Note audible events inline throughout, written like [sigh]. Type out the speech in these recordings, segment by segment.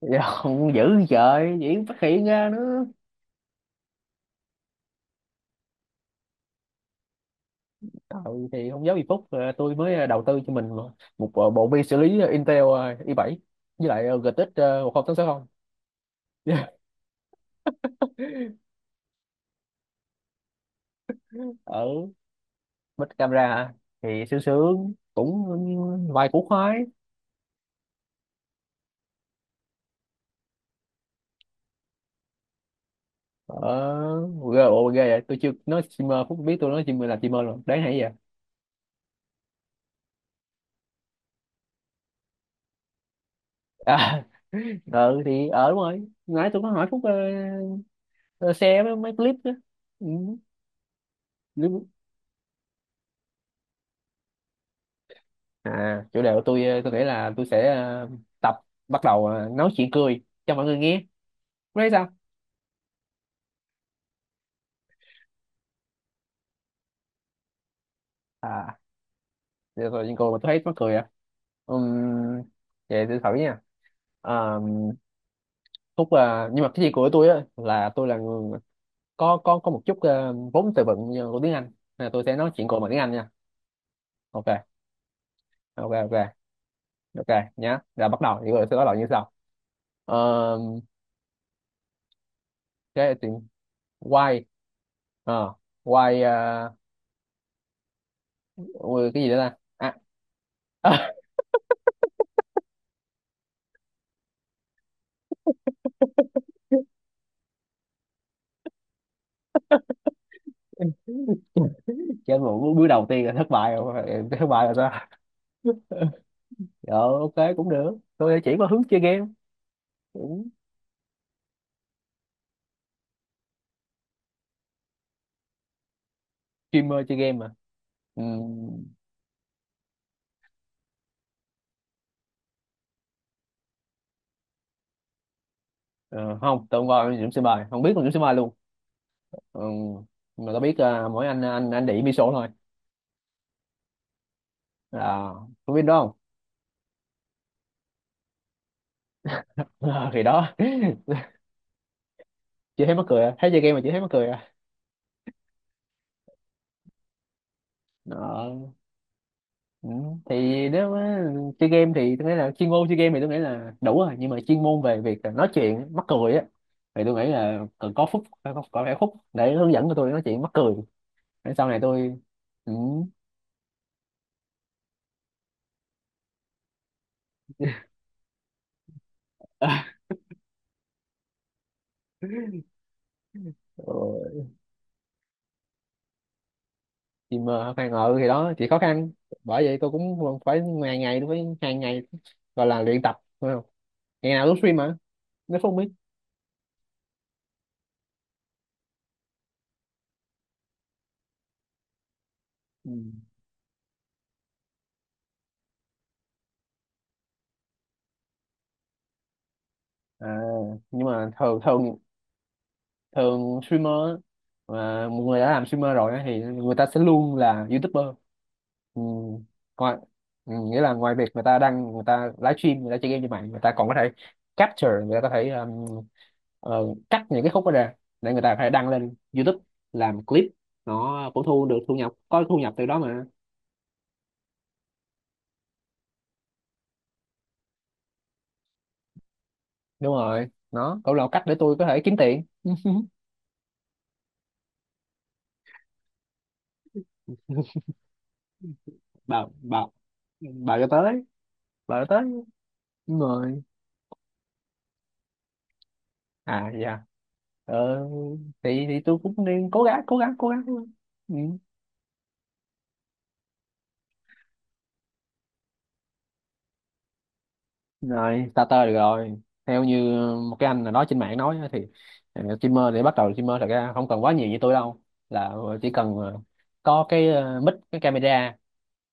Dạ, không dữ, trời diễn phát hiện ra nữa. Trời, thì không giấu gì Phúc, tôi mới đầu tư cho mình một một bộ vi xử lý Intel i7 với lại GTX 1860 [laughs] ở Bích camera hả? Thì sướng sướng cũng vài củ khoái. ờ Ghê, ồ, ghê vậy, tôi chưa nói streamer Phúc biết tôi nói streamer là streamer rồi, đáng hay vậy. À, [laughs] ừ thì đúng rồi, nãy tôi có hỏi Phúc, ờ, share mấy clip đó, ừ. À, chủ đề của tôi, tôi nghĩ là tôi sẽ tập bắt đầu nói chuyện cười cho mọi người nghe. Cô thấy sao? À, giờ tôi nhìn cô mà tôi thấy mắc cười à. Ừm, Vậy tôi thử nha. Ờm, Phúc à, nhưng mà cái gì của tôi á là tôi là người có một chút vốn từ vựng như của tiếng Anh, nên là tôi sẽ nói chuyện cùng bằng tiếng Anh nha. OK, OK, OK, OK, nhá là bắt đầu thì tôi sẽ bắt đầu như sau. Ờ, cái thì why. Ờ, Why. Ôi, cái gì nữa ta. À, à, [laughs] trên một bước đầu tiên là thất bại rồi. Em thất bại rồi sao? Dạ, OK cũng được, tôi chỉ có hướng chơi game cũng streamer chơi game mà. Ừm, ờ, Không, tôi không coi Dũng Sĩ Bài, không biết con Dũng Sĩ Bài luôn. Ừm, mà tôi biết à, mỗi anh đĩ Miso thôi. À, có biết đó không? [laughs] Ờ, thì đó. [laughs] Chưa thấy mắc cười à? Thấy chơi game mà chưa thấy mắc cười à? Đó. Ừ. Thì nếu mà chơi game thì tôi nghĩ là chuyên môn chơi game thì tôi nghĩ là đủ rồi, nhưng mà chuyên môn về việc là nói chuyện mắc cười á thì tôi nghĩ là cần có Phúc, có phải Phúc để hướng dẫn cho tôi nói chuyện mắc cười để sau này tôi. Ừ. [laughs] Rồi. Thì mà khoan, ngờ thì đó chỉ khó khăn, bởi vậy tôi cũng phải ngày ngày, đối với hàng ngày, gọi là luyện tập phải không? Ngày nào cũng stream mà, nếu không biết. Ừ. À, nhưng mà thường thường thường streamer mà một người đã làm streamer rồi á thì người ta sẽ luôn là YouTuber. Ừ. Ngoài, Nghĩa là ngoài việc người ta đăng, người ta livestream, người ta chơi game như vậy, người ta còn có thể capture, người ta có thể cắt những cái khúc đó ra để người ta có thể đăng lên YouTube làm clip, nó cũng thu được thu nhập, có thu nhập từ đó mà. Đúng rồi, nó cũng là một cách để tôi có thể kiếm tiền. [laughs] Bảo bà cho tới, bà cho tới, đúng rồi. À, dạ, ờ, thì tôi cũng nên cố gắng cố gắng cố gắng. Ừ. Rồi, starter được rồi. Theo như một cái anh nào đó trên mạng nói á, thì streamer, để bắt đầu streamer thật ra không cần quá nhiều như tôi đâu, là chỉ cần có cái mic, cái camera,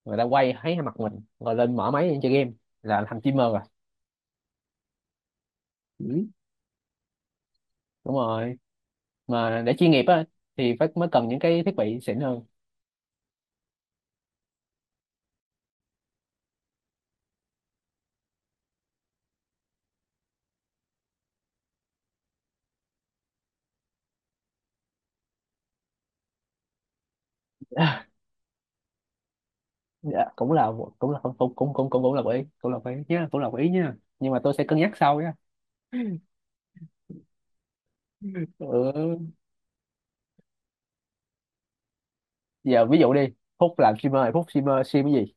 người ta quay thấy mặt mình rồi lên mở máy chơi game là thành streamer rồi. Ừ. Đúng rồi, mà để chuyên nghiệp á thì phải mới cần những cái thiết bị xịn hơn. [laughs] Dạ, cũng là cũng cũng cũng cũng cũng cũng là quỹ, cũng là quỹ nhá, cũng là quỹ nhá, nhưng mà tôi sẽ cân nhắc sau nhá. [laughs] Ừ. Giờ ví dụ đi, Phúc làm streamer thì Phúc stream cái gì?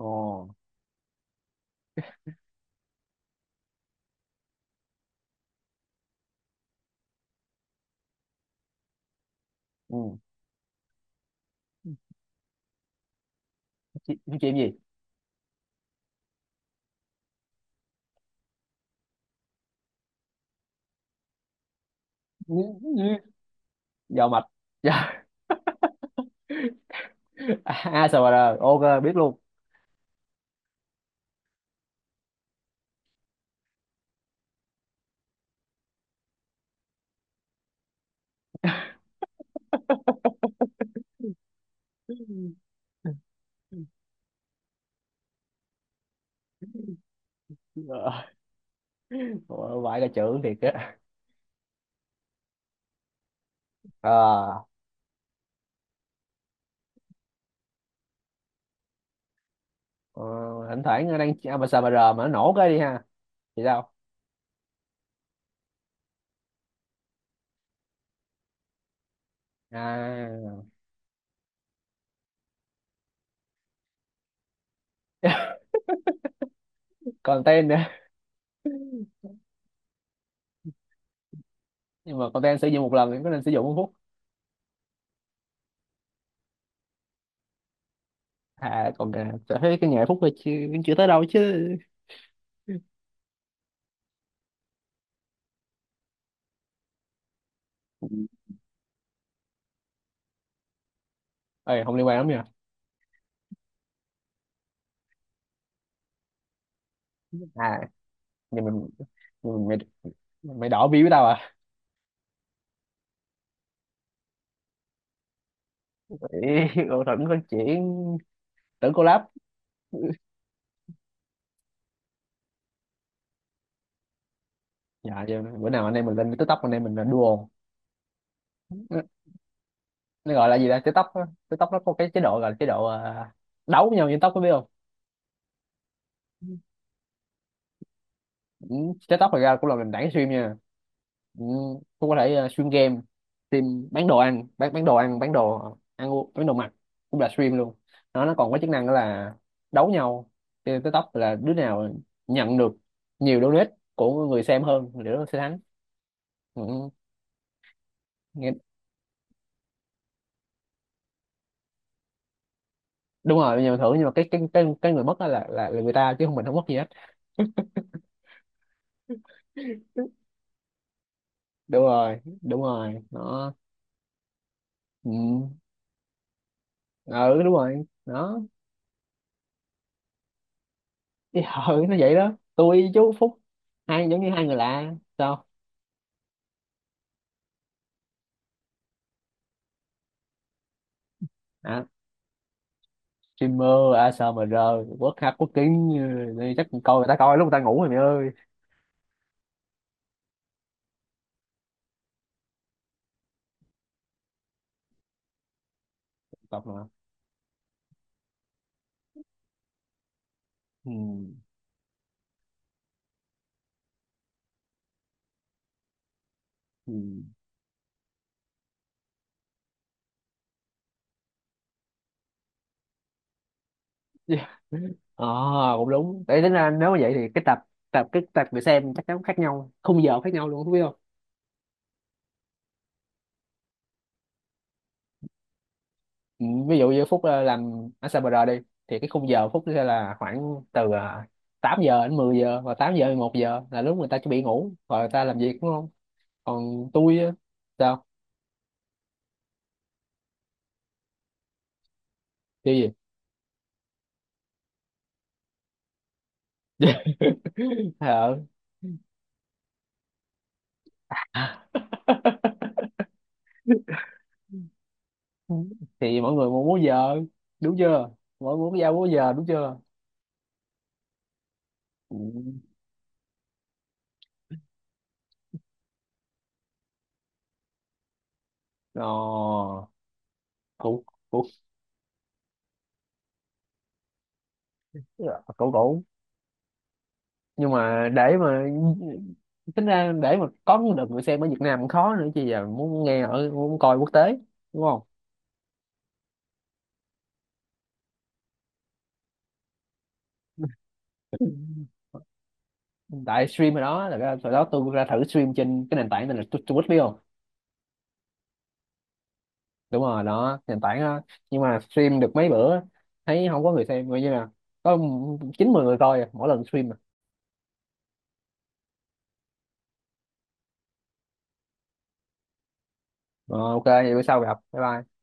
Ồ, ừ. stream stream gì? [laughs] Dò mạch. Dạ, ASMR. [laughs] OK, biết luôn. Ờ, ờ, Vãi cả chữ thiệt á. À, ờ, thỉnh thoảng nó đang ASMR mà nó nổ cái đi ha, thì sao à? [laughs] Content nữa. Nhưng mà content sử dụng một lần thì có nên sử dụng không? À, còn cả thấy cái nhà Phúc là chưa, chưa tới đâu chứ. Ê, không liên quan lắm nha. À, nhưng mình nhưng mày mày đỏ bi với tao à? [laughs] Ê, cậu Thuận có chuyện tưởng collab. Dạ, giờ bữa nào anh em mình lên TikTok, anh em mình là duo. Nó, nó gọi là gì ta, TikTok á. TikTok nó có cái chế độ gọi là chế độ đấu với nhau trên tóc, có biết không? Ừ, TikTok thật ra cũng là nền tảng stream nha. Ừ, cũng có thể stream game, stream bán đồ ăn, bán đồ ăn, bán đồ ăn uống, bán đồ mặc cũng là stream luôn. Nó còn có chức năng đó là đấu nhau trên TikTok, là đứa nào nhận được nhiều donate của người xem hơn thì đứa đó sẽ thắng. Ừ, nghe, đúng rồi, nhưng mà cái người mất đó là, là người ta chứ không, mình không mất gì hết. Đúng rồi, đúng rồi nó. Ừ, ừ đúng rồi nó. Thì [laughs] ừ, nó vậy đó. Tôi với chú Phúc hai giống như hai người lạ sao? À, streamer ASMR quốc hát quốc kính. Ừ, đi chắc coi người ta coi lúc người ta ngủ rồi mày ơi. Tập mà. Ừ. Ừ. [laughs] ờ Cũng đúng, để tính ra nếu mà vậy thì cái tập tập cái tập người xem chắc chắn khác nhau, khung giờ khác nhau luôn không biết. Ừ, ví dụ như Phúc làm ở Sabre đi thì cái khung giờ Phúc sẽ là khoảng từ 8 giờ đến 10 giờ và 8 giờ đến 1 giờ là lúc người ta chuẩn bị ngủ rồi người ta làm việc, đúng không? Còn tôi á, sao? Cái gì? [laughs] ờ thì mọi người muốn múa giờ, đúng chưa? Mọi người muốn giao múa giờ, đúng chưa? Ừ. ờ cũng cũng cũng cũng Nhưng mà để mà tính ra để mà có được người xem ở Việt Nam cũng khó nữa chứ, giờ muốn nghe ở muốn coi quốc tế, đúng không? [laughs] Tại stream ở đó là cái, hồi đó tôi ra thử stream trên cái nền tảng này là Twitch, biết không? Đúng rồi, đó nền tảng đó. Nhưng mà stream được mấy bữa, thấy không có người xem, coi như là có chín mười người coi à, mỗi lần stream à. Ờ, OK vậy bữa sau gặp, bye bye.